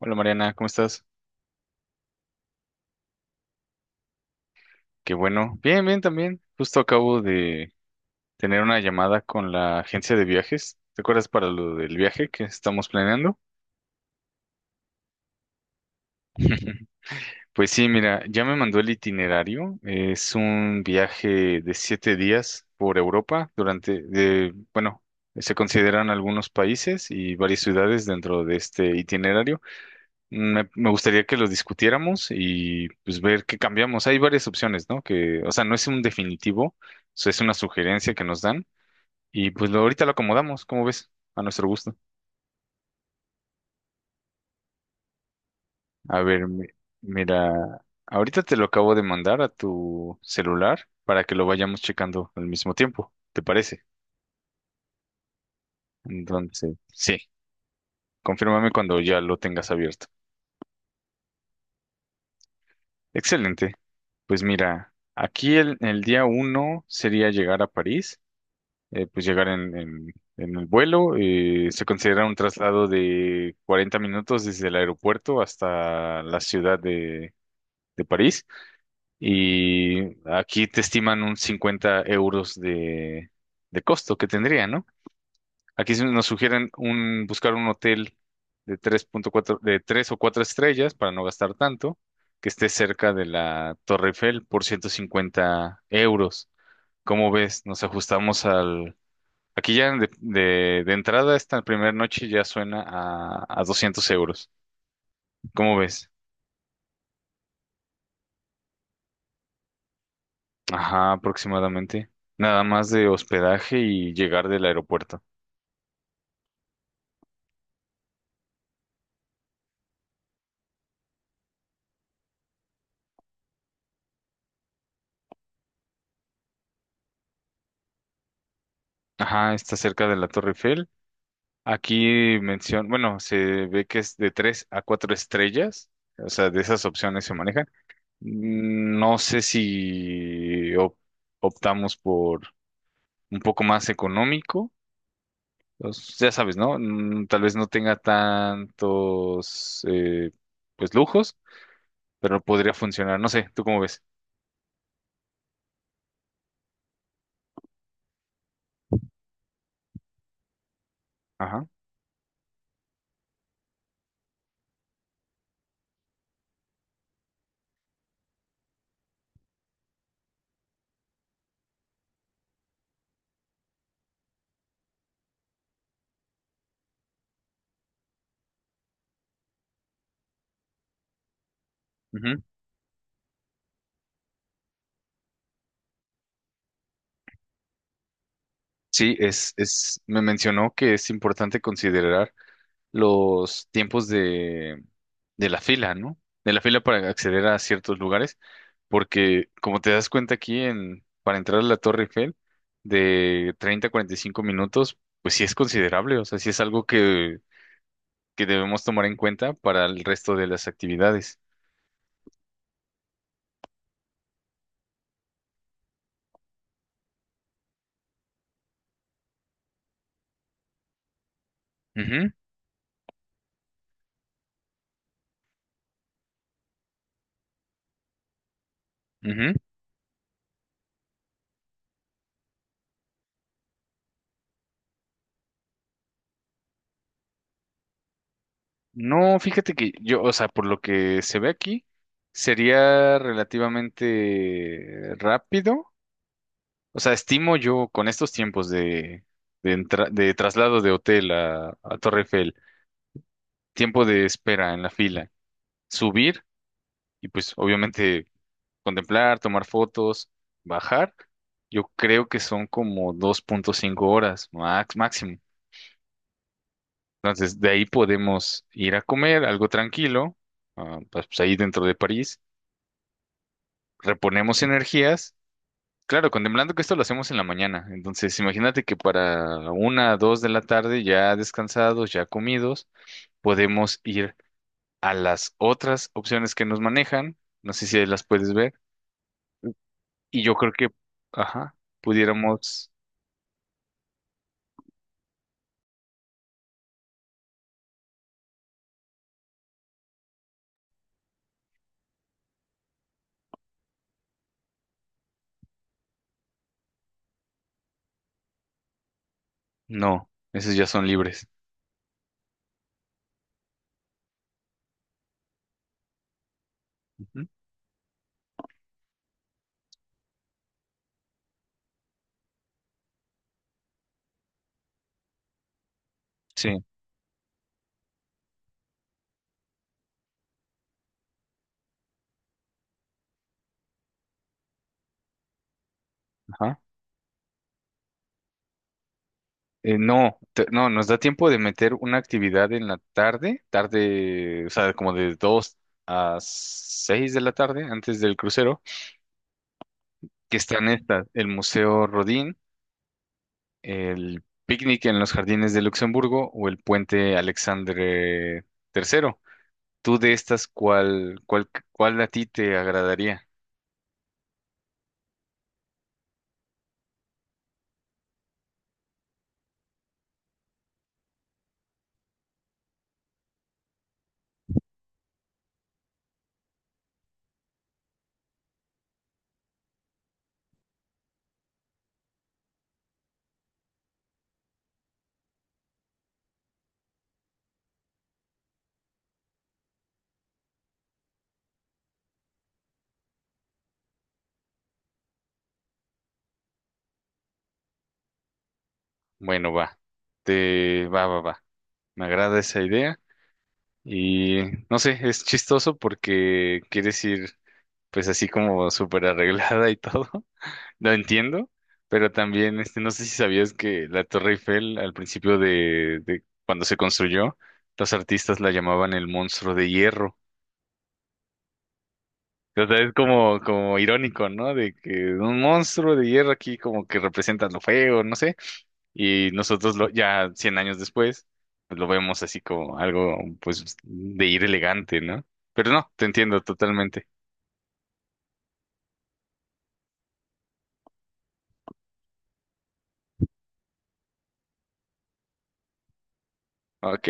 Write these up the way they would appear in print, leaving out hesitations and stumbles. Hola Mariana, ¿cómo estás? Qué bueno. Bien, bien también. Justo acabo de tener una llamada con la agencia de viajes. ¿Te acuerdas para lo del viaje que estamos planeando? Pues sí, mira, ya me mandó el itinerario. Es un viaje de 7 días por Europa bueno, se consideran algunos países y varias ciudades dentro de este itinerario. Me gustaría que lo discutiéramos y pues ver qué cambiamos. Hay varias opciones, ¿no? O sea, no es un definitivo, o sea, es una sugerencia que nos dan y pues ahorita lo acomodamos, ¿cómo ves? A nuestro gusto. A ver, mira, ahorita te lo acabo de mandar a tu celular para que lo vayamos checando al mismo tiempo, ¿te parece? Entonces, sí, confírmame cuando ya lo tengas abierto. Excelente. Pues mira, aquí el día uno sería llegar a París. Pues llegar en el vuelo. Se considera un traslado de 40 minutos desde el aeropuerto hasta la ciudad de París. Y aquí te estiman un 50 euros de costo que tendría, ¿no? Aquí nos sugieren buscar un hotel de 3 o 4 estrellas para no gastar tanto, que esté cerca de la Torre Eiffel por 150 euros. ¿Cómo ves? ¿Nos ajustamos al? Aquí ya de entrada esta primera noche ya suena a 200 euros. ¿Cómo ves? Ajá, aproximadamente. Nada más de hospedaje y llegar del aeropuerto. Ajá, está cerca de la Torre Eiffel. Aquí menciona, bueno, se ve que es de 3 a 4 estrellas. O sea, de esas opciones se manejan. No sé si optamos por un poco más económico. Ya sabes, ¿no? Tal vez no tenga tantos, pues, lujos, pero podría funcionar. No sé, ¿tú cómo ves? Ajá. Ujú. Sí, me mencionó que es importante considerar los tiempos de la fila, ¿no? De la fila para acceder a ciertos lugares, porque como te das cuenta aquí para entrar a la Torre Eiffel, de 30 a 45 minutos, pues sí es considerable, o sea, sí es algo que debemos tomar en cuenta para el resto de las actividades. Ujú, ujú. No, fíjate que yo, o sea, por lo que se ve aquí, sería relativamente rápido. O sea, estimo yo con estos tiempos de traslado de hotel a Torre Eiffel, tiempo de espera en la fila, subir y pues obviamente contemplar, tomar fotos, bajar. Yo creo que son como 2,5 horas max, máximo. Entonces, de ahí podemos ir a comer algo tranquilo, pues, ahí dentro de París, reponemos energías. Claro, contemplando que esto lo hacemos en la mañana. Entonces, imagínate que para una, dos de la tarde, ya descansados, ya comidos, podemos ir a las otras opciones que nos manejan. No sé si ahí las puedes ver. Y yo creo que, ajá, pudiéramos. No, esas ya son libres. Ujú. Sí, ajá. No, nos da tiempo de meter una actividad en la tarde, tarde, o sea, como de 2 a 6 de la tarde, antes del crucero, que están estas, el Museo Rodin, el picnic en los jardines de Luxemburgo o el puente Alexandre III. ¿Tú de estas cuál a ti te agradaría? Bueno, va, te va, va, va. Me agrada esa idea y no sé, es chistoso porque quieres ir, pues así como súper arreglada y todo. Lo entiendo, pero también, este, no sé si sabías que la Torre Eiffel al principio de cuando se construyó, los artistas la llamaban el monstruo de hierro. O sea, es como irónico, ¿no? De que un monstruo de hierro aquí como que representa lo feo, no sé. Y nosotros ya 100 años después, pues lo vemos así como algo, pues, de ir elegante, ¿no? Pero no, te entiendo totalmente. Ok,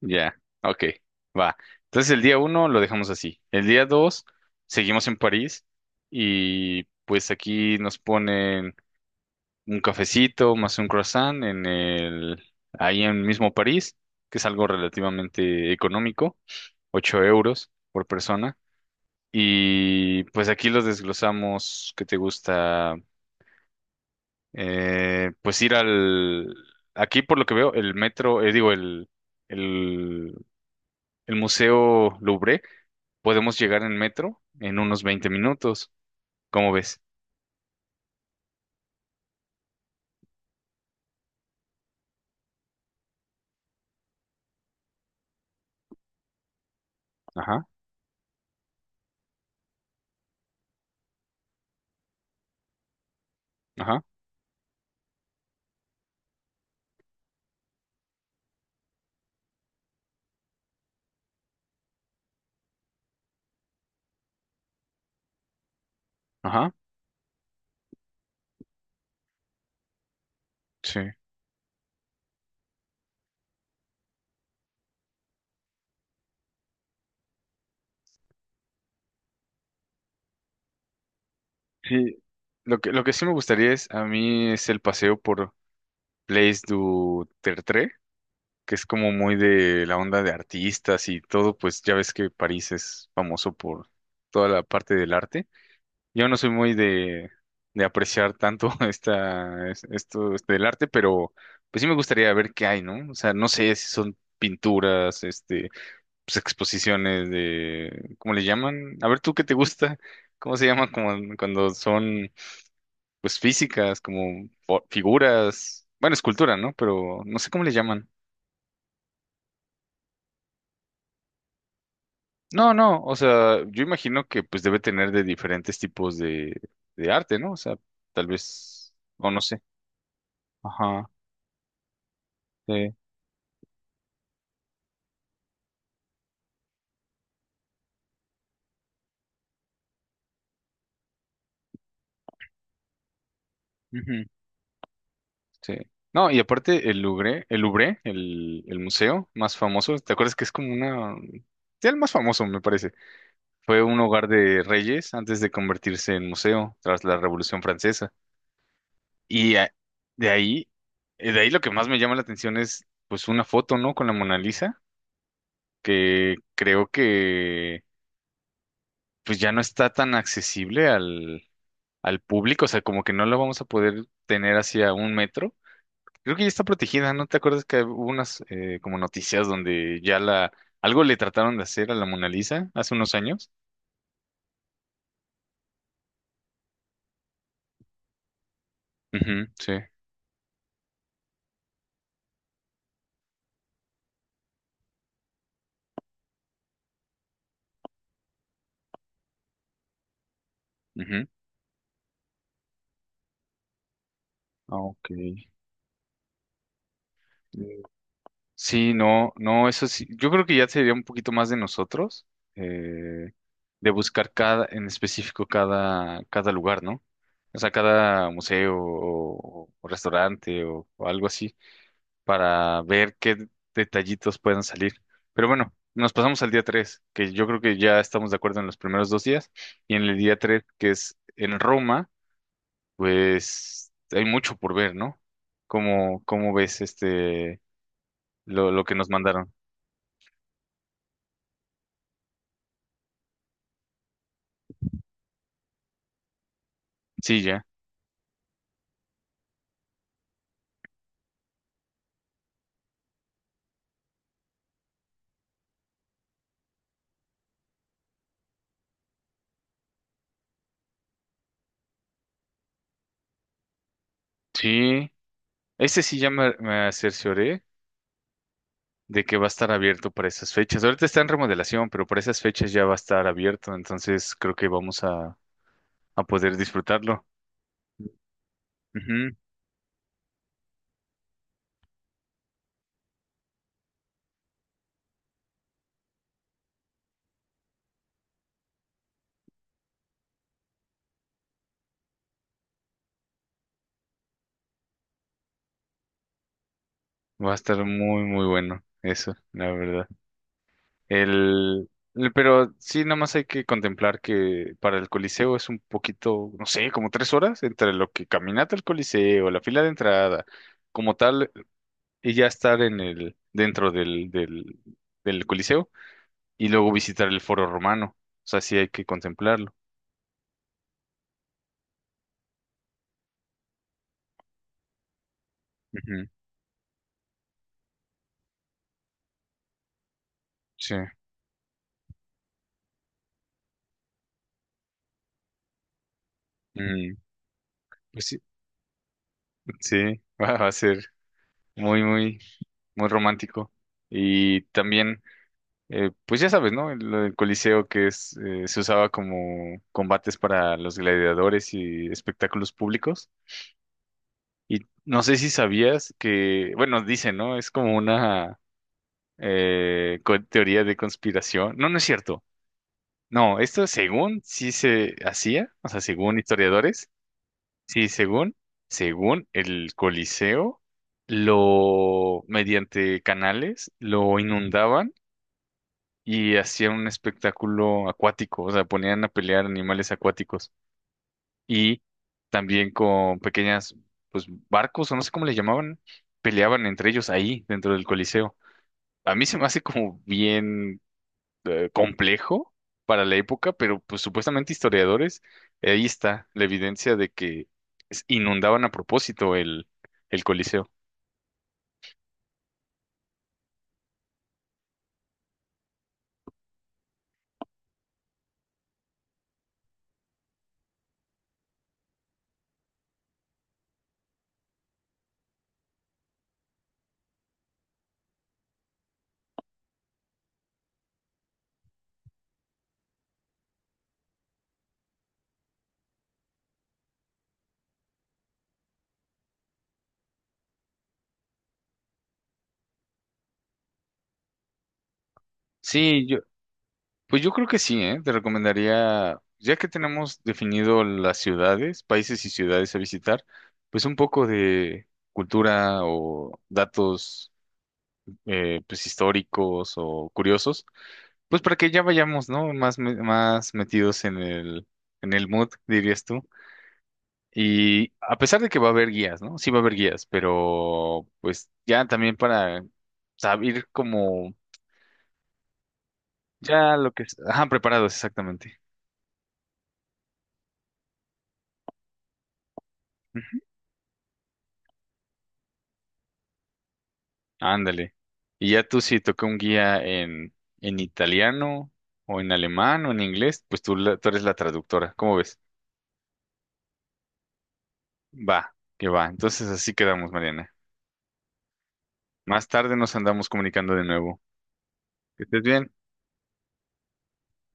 ya, ok, va. Entonces el día uno lo dejamos así. El día dos seguimos en París y pues aquí nos ponen un cafecito más un croissant ahí en mismo París, que es algo relativamente económico, 8 euros por persona. Y pues aquí los desglosamos, ¿qué te gusta? Pues ir aquí por lo que veo, el metro, digo, el El Museo Louvre, podemos llegar en metro en unos 20 minutos. ¿Cómo ves? Ajá, ajá, ajá. Sí. Sí. Lo que sí me gustaría a mí es el paseo por Place du Tertre, que es como muy de la onda de artistas y todo, pues ya ves que París es famoso por toda la parte del arte. Yo no soy muy de apreciar tanto este, del arte, pero pues sí me gustaría ver qué hay, ¿no? O sea, no sé si son pinturas, este, pues exposiciones ¿cómo le llaman? A ver, ¿tú qué te gusta? ¿Cómo se llama cuando son, pues, físicas, como figuras? Bueno, escultura, ¿no? Pero no sé cómo le llaman. No, no, o sea, yo imagino que pues debe tener de diferentes tipos de arte, ¿no? O sea, tal vez, o no sé. Ajá. eh, Ujú. Sí. No, y aparte el Louvre, el Louvre, el museo más famoso, ¿te acuerdas que es como una. Sí, el más famoso, me parece. Fue un hogar de reyes antes de convertirse en museo tras la Revolución Francesa. Y a- de ahí, de ahí lo que más me llama la atención es pues una foto, ¿no? Con la Mona Lisa, que creo que pues ya no está tan accesible al público, o sea, como que no la vamos a poder tener hacia un metro. Creo que ya está protegida, ¿no te acuerdas que hubo unas como noticias donde ya la algo le trataron de hacer a la Mona Lisa hace unos años? Ujú, sí. Ujú. Ah, ok. Mm. Sí, no, no, eso sí. Yo creo que ya sería un poquito más de nosotros eh, de buscar en específico cada lugar, ¿no? O sea, cada museo o restaurante o algo así. Para ver qué detallitos puedan salir. Pero bueno, nos pasamos al día 3, que yo creo que ya estamos de acuerdo en los primeros 2 días. Y en el día 3, que es en Roma, pues hay mucho por ver, ¿no? ¿Cómo ves este, lo que nos mandaron? Sí, ya. Sí. Ese sí ya me cercioré de que va a estar abierto para esas fechas. Ahorita está en remodelación, pero para esas fechas ya va a estar abierto, entonces creo que vamos a poder disfrutarlo. Ujú. Va a estar muy, muy bueno eso, la verdad. El, pero sí, nada más hay que contemplar que para el Coliseo es un poquito, no sé, como 3 horas entre lo que caminata al Coliseo, la fila de entrada, como tal, y ya estar dentro del Coliseo y luego visitar el Foro Romano. O sea, sí hay que contemplarlo. Ujú, sí. Mm, pues sí, sí, va a ser muy, muy, muy romántico. Y también. Pues ya sabes, ¿no? El Coliseo se usaba como combates para los gladiadores y espectáculos públicos. Y no sé si sabías que, bueno, dicen, ¿no? Es como una teoría de conspiración. No, no es cierto. No, esto según sí se hacía, o sea, según historiadores, sí, según el Coliseo, lo, mediante canales, lo inundaban y hacían un espectáculo acuático, o sea, ponían a pelear animales acuáticos y también con pues, barcos o no sé cómo le llamaban, peleaban entre ellos ahí dentro del Coliseo. A mí se me hace como bien complejo para la época, pero pues supuestamente historiadores, ahí está la evidencia de que inundaban a propósito el Coliseo. Sí, pues yo creo que sí, ¿eh? Te recomendaría, ya que tenemos definido las ciudades, países y ciudades a visitar, pues un poco de cultura o datos pues históricos o curiosos, pues para que ya vayamos, ¿no? Más metidos en el mood, dirías tú. Y a pesar de que va a haber guías, ¿no? Sí va a haber guías, pero pues ya también para saber como ya lo que. Ajá, preparados, exactamente. Ándale. Y ya tú si toca un guía en italiano o en alemán o en inglés, pues tú eres la traductora. ¿Cómo ves? Va, que va. Entonces así quedamos, Mariana. Más tarde nos andamos comunicando de nuevo. Que estés bien.